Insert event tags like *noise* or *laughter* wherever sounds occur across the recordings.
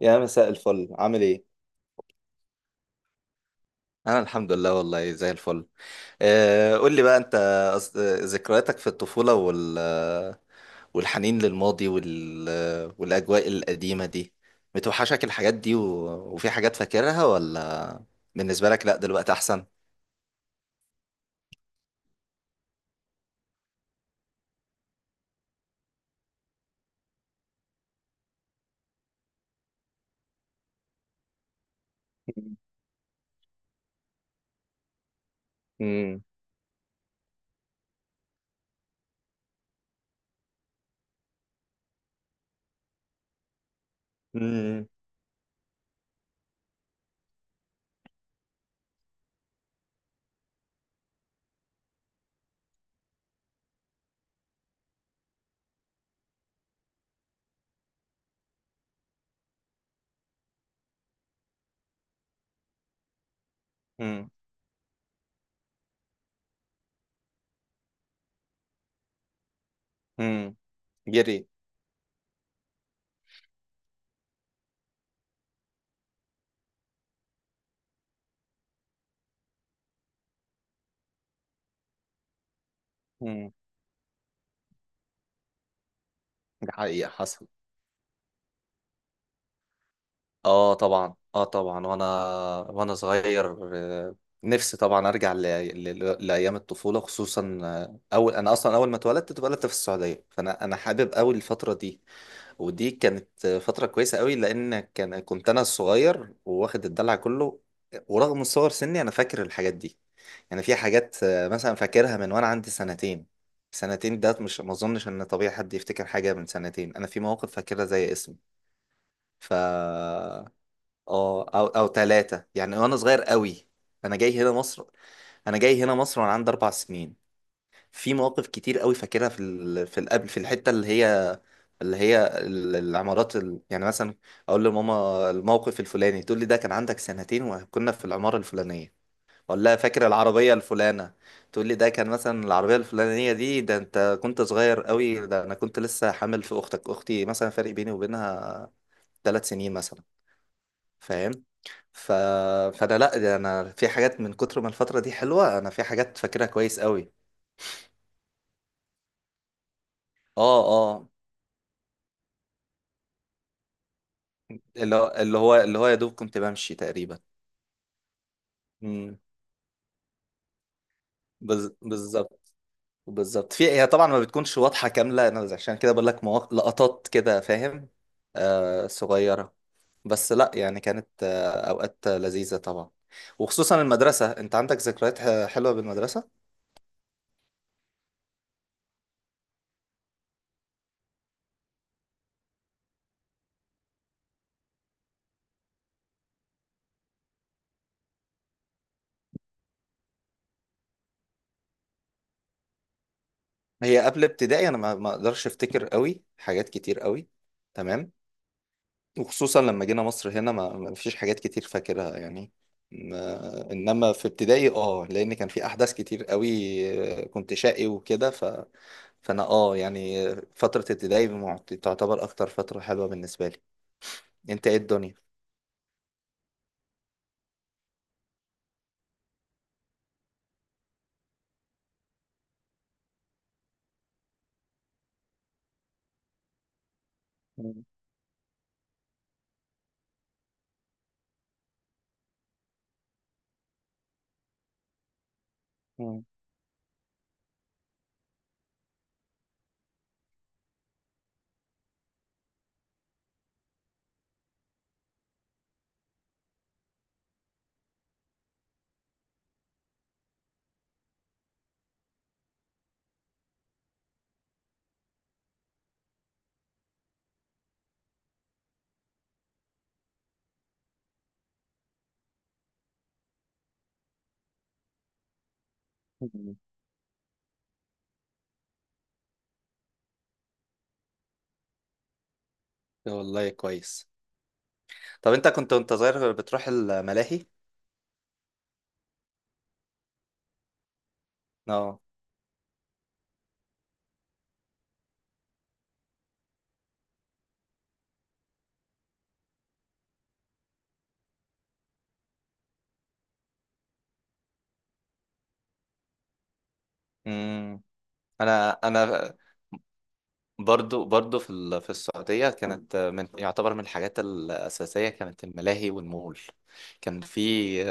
يا مساء الفل، عامل ايه؟ انا الحمد لله والله زي الفل. قول لي بقى انت. ذكرياتك في الطفولة والحنين للماضي والاجواء القديمة دي، بتوحشك الحاجات دي وفي حاجات فاكرها ولا، بالنسبة لك لا دلوقتي احسن؟ *laughs* مم. مم. مم. مم. جري. مم. دي حقيقة حصل. اه، طبعا، اه، طبعا، وانا وانا صغير، نفسي طبعا ارجع لايام الطفوله خصوصا، انا اصلا اول ما اتولدت في السعوديه. فانا حابب قوي الفتره دي. ودي كانت فتره كويسه قوي لان كنت انا الصغير وواخد الدلع كله. ورغم صغر سني انا فاكر الحاجات دي. يعني في حاجات، مثلا فاكرها من وانا عندي سنتين. سنتين ده مش، ما اظنش ان طبيعي حد يفتكر حاجه من سنتين. انا في مواقف فاكرها زي اسمي. ف اه، او ثلاثة يعني وانا صغير قوي. انا جاي هنا مصر انا جاي هنا مصر وانا عندي 4 سنين. في مواقف كتير قوي فاكرها في في القبل، في الحتة اللي هي العمارات يعني مثلا اقول لماما الموقف الفلاني، تقول لي ده كان عندك سنتين وكنا في العمارة الفلانية. اقول لها، فاكر العربية الفلانة؟ تقول لي ده كان مثلا العربية الفلانية دي، ده انت كنت صغير قوي، ده انا كنت لسه حامل في اختك، اختي مثلا، فرق بيني وبينها 3 سنين مثلا. فاهم؟ ف... فانا لا، ده انا في حاجات من كتر ما الفتره دي حلوه انا في حاجات فاكرها كويس قوي. اه، اه، اللي هو يا دوب كنت بمشي تقريبا. امم. بالظبط، بالظبط، في هي طبعا ما بتكونش واضحه كامله، انا عشان كده بقول لك لقطات كده، فاهم؟ صغيره. بس لا، يعني كانت اوقات لذيذه طبعا. وخصوصا المدرسه، انت عندك ذكريات حلوه بالمدرسه؟ هي قبل ابتدائي انا ما اقدرش افتكر قوي حاجات كتير قوي. تمام، وخصوصا لما جينا مصر هنا ما فيش حاجات كتير فاكرها يعني. انما في ابتدائي اه، لان كان في احداث كتير قوي. كنت شقي وكده. فانا اه، يعني فترة ابتدائي تعتبر اكتر فترة حلوة بالنسبة لي. انت، ايه الدنيا؟ *laughs* مم. مم. مم. والله كويس. طب انت كنت وانت صغير بتروح الملاهي؟ اه. مم. انا برضو في في السعودية كانت من، يعتبر من الحاجات الأساسية كانت الملاهي والمول. كان في.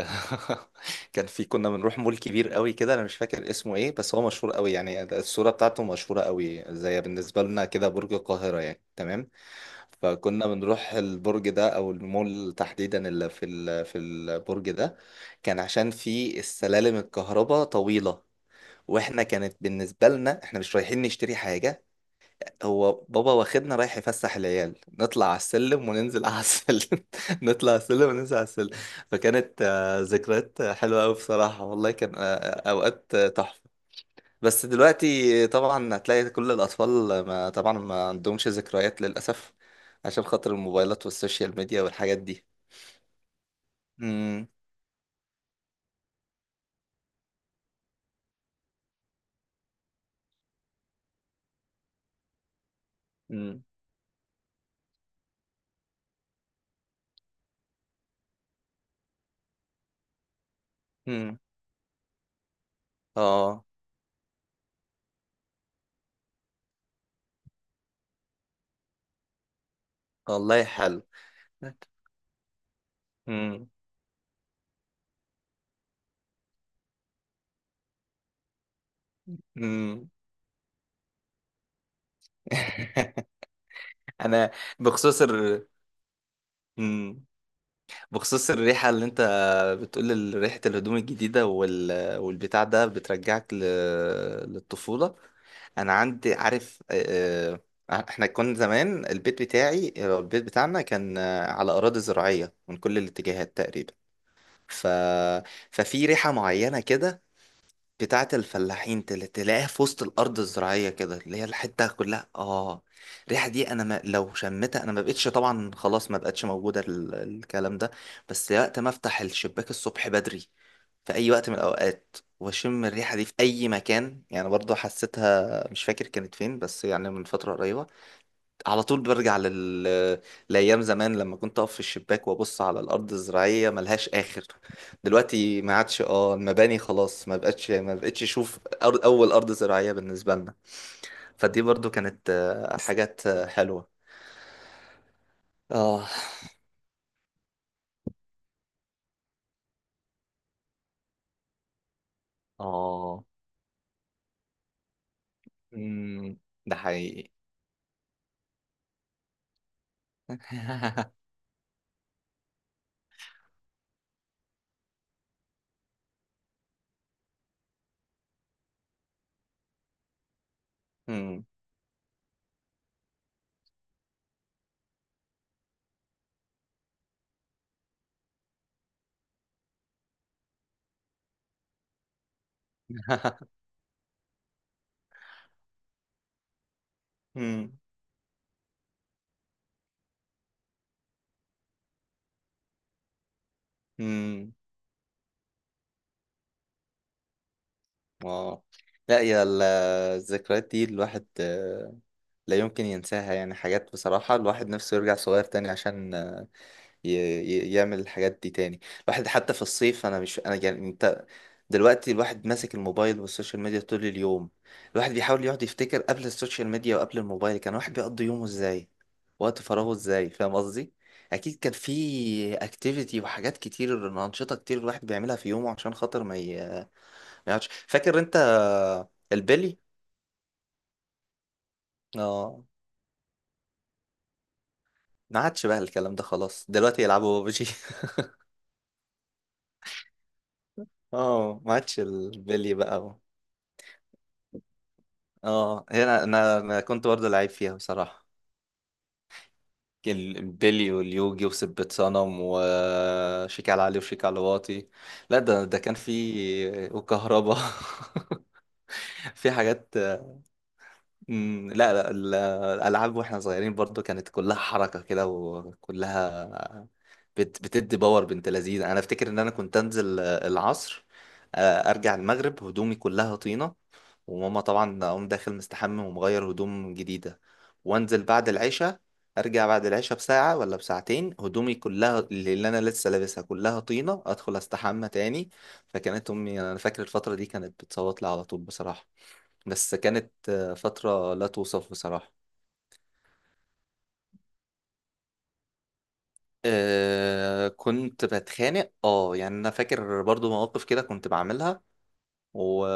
*laughs* كان في كنا بنروح مول كبير قوي كده، أنا مش فاكر اسمه إيه، بس هو مشهور قوي يعني الصورة بتاعته مشهورة قوي، زي بالنسبة لنا كده برج القاهرة يعني. تمام. فكنا بنروح البرج ده أو المول تحديدا اللي في في البرج ده. كان عشان في السلالم الكهرباء طويلة، واحنا كانت بالنسبه لنا احنا مش رايحين نشتري حاجه، هو بابا واخدنا رايح يفسح العيال، نطلع على السلم وننزل على السلم. *laughs* نطلع على السلم وننزل على السلم. فكانت ذكريات حلوة أوي بصراحة. والله كان أوقات تحفة. بس دلوقتي طبعا هتلاقي كل الأطفال ما طبعا ما عندهمش ذكريات للأسف، عشان خاطر الموبايلات والسوشيال ميديا والحاجات دي. امم. امم. امم. اه، والله حلو. امم. امم. *laughs* انا، بخصوص ال مم. بخصوص الريحة اللي انت بتقول، ريحة الهدوم الجديدة والبتاع ده بترجعك للطفولة. انا عندي، عارف، احنا كنا زمان، البيت بتاعنا كان على اراضي زراعية من كل الاتجاهات تقريبا. ف... ففي ريحة معينة كده بتاعة الفلاحين، تلاقيها في وسط الأرض الزراعية كده، اللي هي الحتة كلها، اه. الريحة دي أنا ما لو شمتها، أنا ما بقتش، طبعا خلاص ما بقتش موجودة الكلام ده. بس وقت ما أفتح الشباك الصبح بدري في أي وقت من الأوقات وأشم الريحة دي في أي مكان، يعني برضو حسيتها مش فاكر كانت فين بس، يعني من فترة قريبة، على طول برجع لأيام زمان، لما كنت أقف في الشباك وأبص على الأرض الزراعية ملهاش آخر. دلوقتي ما عادش، اه، المباني خلاص، ما بقتش أشوف أول أرض زراعية بالنسبة لنا. فدي برضو كانت حاجات حلوة. آه، آه. مم. ده حقيقي. *laughs* مم. مم. مم. *laughs* آه. لا يا الذكريات دي الواحد لا يمكن ينساها، يعني حاجات بصراحة الواحد نفسه يرجع صغير تاني عشان، يعمل الحاجات دي تاني. الواحد حتى في الصيف، أنا مش، أنا يعني أنت، دلوقتي الواحد ماسك الموبايل والسوشيال ميديا طول اليوم. الواحد بيحاول يقعد يفتكر قبل السوشيال ميديا وقبل الموبايل كان الواحد بيقضي يومه إزاي، وقت فراغه إزاي، فاهم قصدي؟ أكيد كان في أكتيفيتي وحاجات كتير، أنشطة كتير الواحد بيعملها في يومه عشان خاطر ما يقعدش. فاكر أنت البلي؟ آه، ما عادش بقى الكلام ده خلاص، دلوقتي يلعبوا ببجي. *laughs* اه، ما عادش البلي بقى. اه، هنا انا كنت برضه لعيب فيها بصراحة. كان البلي واليوجي وسبة صنم وشيك على علي وشيك على واطي. لا، ده كان في وكهربا. *laughs* في حاجات. مم، لا، لا. الألعاب واحنا صغيرين برضو كانت كلها حركة كده وكلها بتدي باور، بنت لذينه. انا افتكر ان انا كنت انزل العصر، ارجع المغرب هدومي كلها طينه، وماما طبعا اقوم داخل مستحمم ومغير هدوم جديده، وانزل بعد العشاء، ارجع بعد العشاء بساعه ولا بساعتين هدومي كلها اللي انا لسه لابسها كلها طينه، ادخل استحمى تاني. فكانت امي يعني، انا فاكر الفتره دي كانت بتصوت لي على طول بصراحه، بس كانت فتره لا توصف بصراحه. آه، كنت بتخانق، اه يعني انا فاكر برضو مواقف كده كنت بعملها و...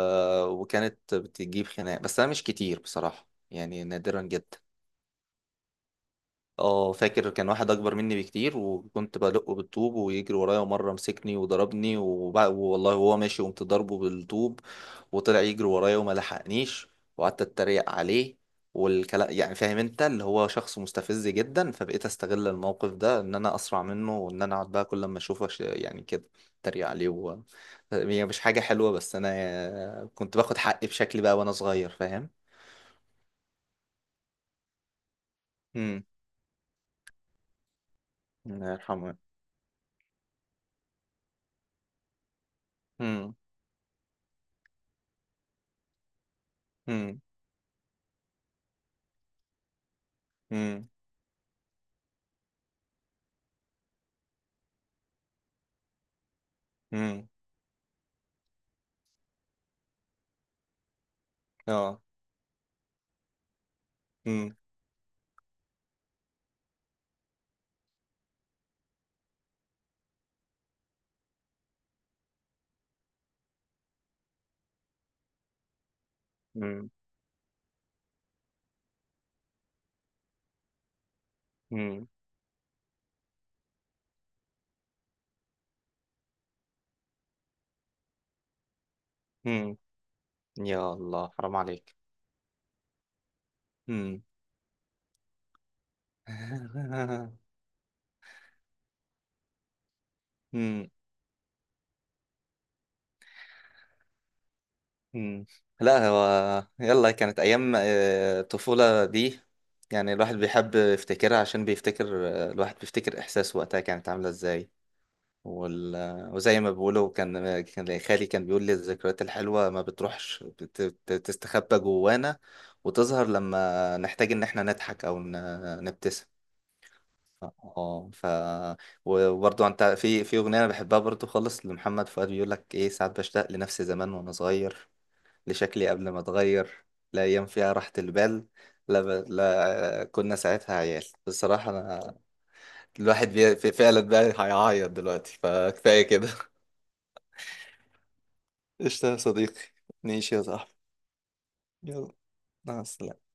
وكانت بتجيب خناق، بس انا مش كتير بصراحة يعني، نادرا جدا. اه، فاكر كان واحد اكبر مني بكتير وكنت بدقه بالطوب ويجري ورايا، ومره مسكني وضربني، والله هو ماشي قمت ضربه بالطوب وطلع يجري ورايا وما لحقنيش، وقعدت اتريق عليه والكلام. يعني فاهم انت، اللي هو شخص مستفز جدا، فبقيت استغل الموقف ده ان انا اسرع منه، وان انا اقعد بقى كل ما اشوفه، يعني كده اتريق عليه. هي مش حاجه حلوه، بس انا كنت باخد حقي بشكلي بقى وانا صغير، فاهم. امم. الله يرحمه. امم. امم. امم. اه. امم. امم. امم. امم. يا الله، حرام عليك. امم. *laughs* امم. امم. لا، هو يلا، كانت ايام الطفولة دي، يعني الواحد بيحب يفتكرها عشان بيفتكر آه، الواحد بيفتكر احساس وقتها كانت عاملة ازاي. وال... آه، وزي ما بيقولوا، كان خالي كان بيقول لي، الذكريات الحلوة ما بتروحش، بتستخبى جوانا وتظهر لما نحتاج ان احنا نضحك او نبتسم. اه. وبرضو انت، في اغنيه انا بحبها برضو خالص لمحمد فؤاد بيقول لك ايه، ساعات بشتاق لنفسي زمان وانا صغير، لشكلي قبل ما اتغير، لا ايام فيها راحه البال. لا، لا كنا ساعتها عيال بصراحه. انا الواحد فعلا بقى هيعيط دلوقتي، فكفايه كده. *laughs* قشطه يا صديقي، ماشي يا صاحبي، يلا، مع السلامه.